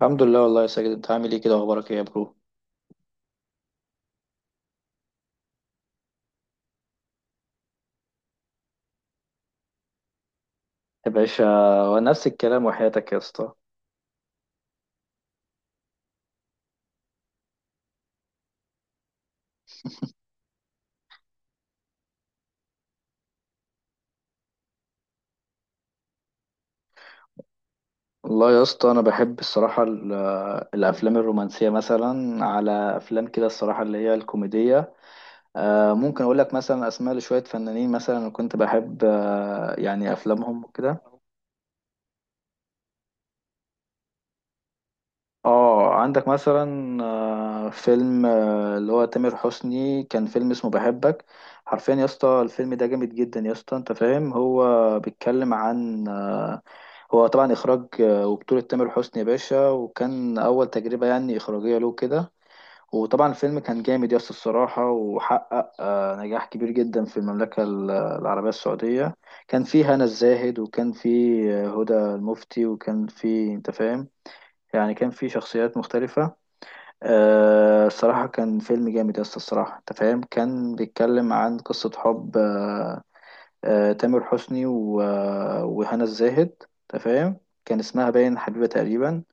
الحمد لله والله يا ساجد، انت عامل ايه كده؟ اخبارك ايه يا برو؟ يا باشا، ونفس الكلام وحياتك يا اسطى. والله يا اسطى انا بحب الصراحه الافلام الرومانسيه، مثلا على افلام كده الصراحه اللي هي الكوميديه. ممكن اقول لك مثلا اسماء لشويه فنانين مثلا انا كنت بحب يعني افلامهم وكده. اه، عندك مثلا فيلم اللي هو تامر حسني، كان فيلم اسمه بحبك. حرفيا يا اسطى الفيلم ده جامد جدا يا اسطى، انت فاهم. هو بيتكلم عن هو طبعا إخراج وبطولة تامر حسني يا باشا، وكان أول تجربة يعني إخراجية له كده. وطبعا الفيلم كان جامد يس الصراحة، وحقق نجاح كبير جدا في المملكة العربية السعودية. كان فيه هنا الزاهد، وكان فيه هدى المفتي، وكان فيه أنت فاهم، يعني كان فيه شخصيات مختلفة. الصراحة كان فيلم جامد يس الصراحة أنت فاهم. كان بيتكلم عن قصة حب تامر حسني و... آه، وهنا الزاهد انت فاهم. كان اسمها باين حبيبة تقريبا.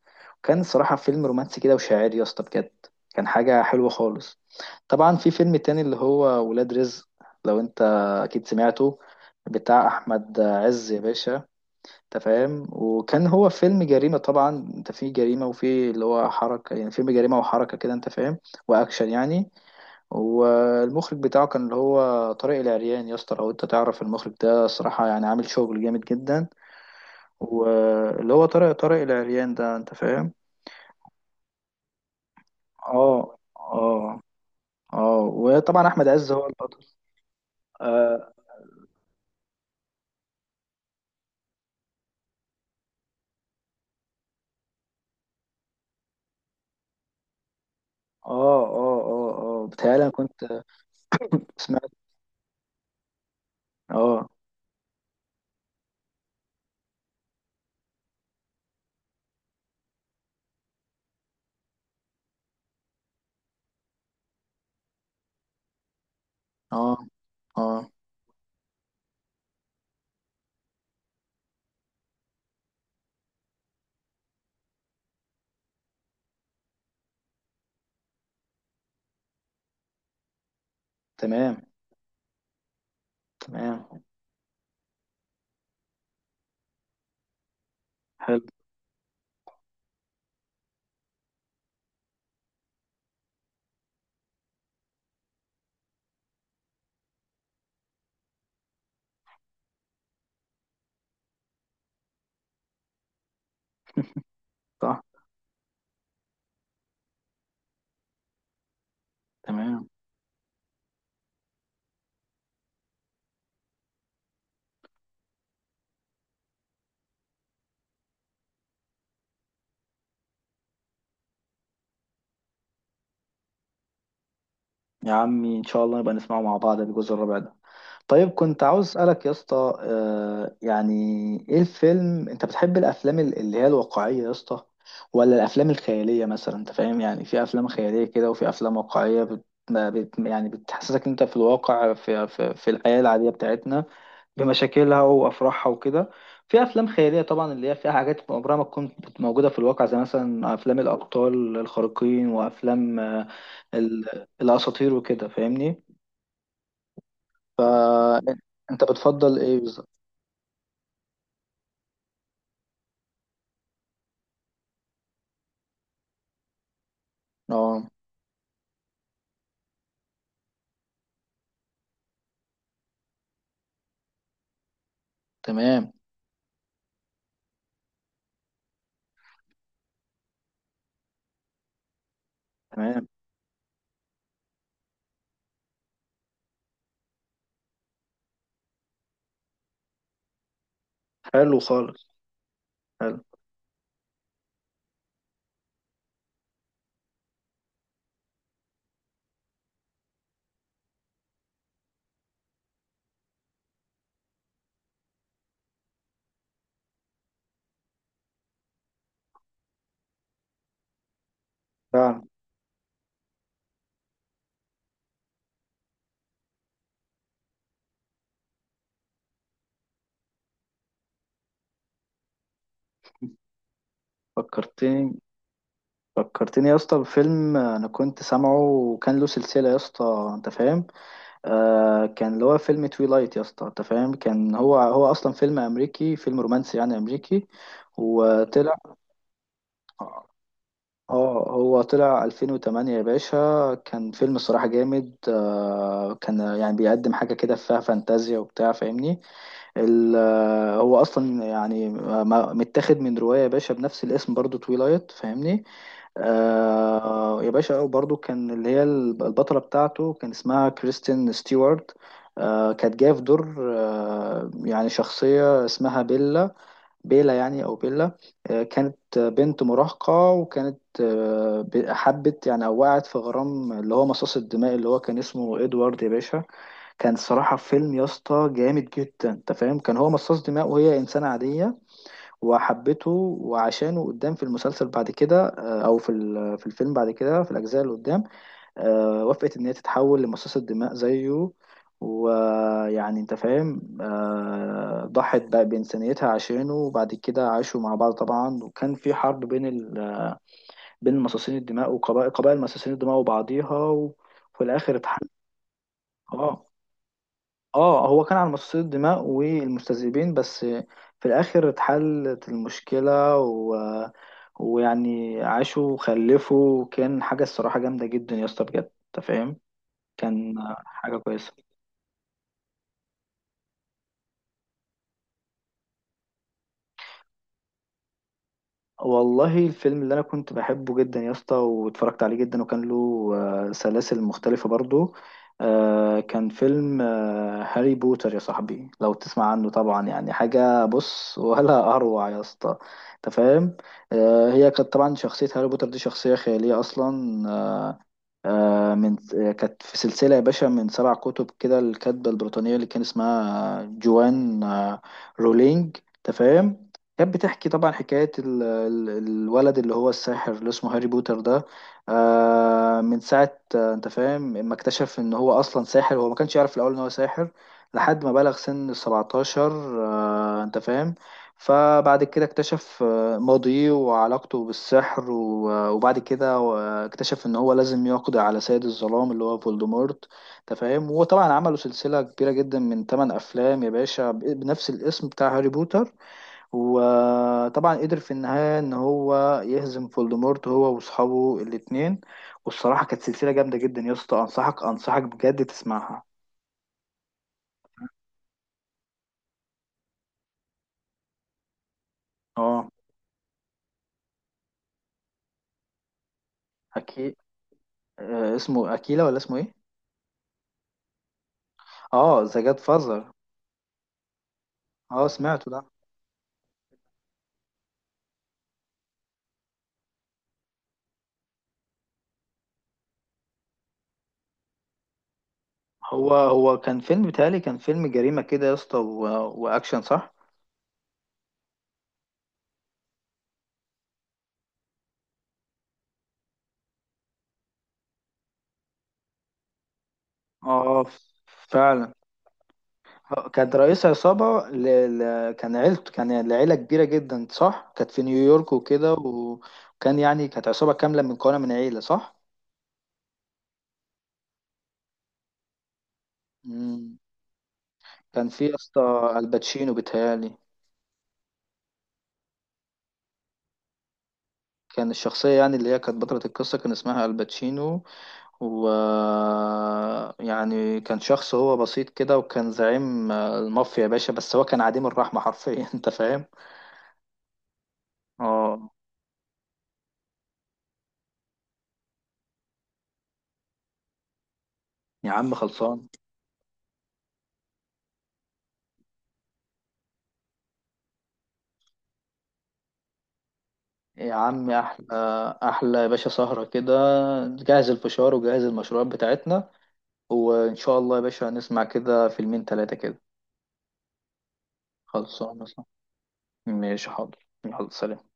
كان صراحة فيلم رومانسي كده وشاعري يا اسطى بجد، كان حاجة حلوة خالص. طبعا في فيلم تاني اللي هو ولاد رزق، لو انت اكيد سمعته، بتاع احمد عز يا باشا. انت فاهم، وكان هو فيلم جريمة طبعا، انت في جريمة وفي اللي هو حركة، يعني فيلم جريمة وحركة كده انت فاهم، واكشن يعني. والمخرج بتاعه كان اللي هو طارق العريان يا اسطى، لو انت تعرف المخرج ده صراحة يعني عامل شغل جامد جدا. واللي هو طارق العريان ده انت فاهم. اه، اه، اه، وطبعا احمد عز هو البطل. اه، اه، اه، اه، آه. بتهيألي انا كنت سمعت. اه، اه، اه، تمام، تمام، حلو، صح، تمام. يا عمي ان شاء الله نبقى نسمعه مع بعض الجزء الرابع ده. طيب كنت عاوز اسالك يا اسطى يعني ايه الفيلم، انت بتحب الافلام اللي هي الواقعيه يا اسطى، ولا الافلام الخياليه؟ مثلا انت فاهم، يعني في افلام خياليه كده وفي افلام واقعيه بت... ما بت... يعني بتحسسك انت في الواقع، في الحياه العاديه بتاعتنا بمشاكلها وافراحها وكده. في افلام خياليه طبعا اللي هي فيها حاجات عمرها ما تكون موجوده في الواقع، زي مثلا افلام الابطال الخارقين وافلام ال... الاساطير وكده فاهمني. فانت بتفضل ايه بالظبط؟ اه، تمام، تمام، حلو خالص، حلو، فعلا. فكرتني، فكرتني يا اسطى بفيلم انا كنت سامعه وكان له سلسله، يا اسطى انت فاهم. آه، كان اللي هو فيلم تويلايت يا اسطى، انت فاهم. كان هو اصلا فيلم امريكي، فيلم رومانسي يعني امريكي وطلع. اه، هو طلع 2008 يا باشا. كان فيلم الصراحه جامد، آه كان يعني بيقدم حاجه كده فيها فانتازيا وبتاع فاهمني. هو اصلا يعني متاخد من روايه يا باشا بنفس الاسم برضو تويلايت فاهمني. آه يا باشا، وبرضو كان اللي هي البطله بتاعته كان اسمها كريستين ستيوارت. آه، كانت جايه في دور آه يعني شخصيه اسمها بيلا، بيلا يعني او بيلا. آه، كانت بنت مراهقه، وكانت آه حبت يعني او وقعت في غرام اللي هو مصاص الدماء اللي هو كان اسمه ادوارد يا باشا. كان صراحة فيلم يا اسطى جامد جدا، انت فاهم. كان هو مصاص دماء وهي انسانة عادية، وحبته. وعشانه قدام في المسلسل بعد كده او في في الفيلم بعد كده في الاجزاء اللي قدام وافقت ان هي تتحول لمصاص الدماء زيه. ويعني انت فاهم ضحت بقى بإنسانيتها عشانه، وبعد كده عاشوا مع بعض طبعا، وكان في حرب بين بين مصاصين الدماء وقبائل قبائل مصاصين الدماء وبعضيها، وفي الاخر اتحل. اه، اه، هو كان على مصاصين الدماء والمستذئبين بس. في الاخر اتحلت المشكلة ويعني عاشوا وخلفوا، وكان حاجة الصراحة جامدة جدا يا اسطى بجد انت فاهم. كان حاجة كويسة. والله الفيلم اللي انا كنت بحبه جدا يا اسطى، واتفرجت عليه جدا وكان له سلاسل مختلفة برضو. كان فيلم هاري بوتر يا صاحبي، لو تسمع عنه طبعا، يعني حاجة بص ولا اروع يا اسطى، انت فاهم. هي كانت طبعا شخصية هاري بوتر دي شخصية خيالية اصلا. آه، من آه، كانت في سلسلة يا باشا من سبع كتب كده، الكاتبة البريطانية اللي كان اسمها جوان رولينج تفهم. كانت بتحكي طبعا حكاية الولد اللي هو الساحر اللي اسمه هاري بوتر ده. من ساعة انت فاهم، ما اكتشف ان هو اصلا ساحر. هو ما كانش يعرف في الاول ان هو ساحر لحد ما بلغ سن السبعتاشر، انت فاهم. فبعد كده اكتشف ماضيه وعلاقته بالسحر وبعد كده اكتشف ان هو لازم يقضي على سيد الظلام اللي هو فولدمورت انت فاهم. وطبعا عملوا سلسلة كبيرة جدا من 8 افلام يا باشا بنفس الاسم بتاع هاري بوتر. وطبعا قدر في النهاية ان هو يهزم فولدمورت هو واصحابه الاتنين. والصراحة كانت سلسلة جامدة جدا يا اسطى، انصحك بجد تسمعها. اه، اكيد. اسمه اكيلا ولا اسمه ايه؟ اه، ذا جاد فازر. اه، سمعته ده. هو هو كان فيلم بيتهيألي، كان فيلم جريمة كده يا اسطى وأكشن صح؟ اه، فعلا. كانت رئيس عصابة كان عيلته، كان العيلة كبيرة جدا صح؟ كانت في نيويورك وكده وكان يعني كانت عصابة كاملة من مكونة من عيلة صح؟ مم. كان في يا اسطى الباتشينو بيتهيألي. كان الشخصية يعني اللي هي كانت بطلة القصة كان اسمها الباتشينو، و يعني كان شخص هو بسيط كده، وكان زعيم المافيا يا باشا، بس هو كان عديم الرحمة حرفيا انت فاهم. اه يا عم خلصان. يا عم احلى، احلى يا باشا، سهرة كده، جهز الفشار وجهز المشروبات بتاعتنا، وان شاء الله يا باشا هنسمع كده فيلمين تلاتة كده. خلصان يا صاحبي. ماشي، حاضر، يلا سلام.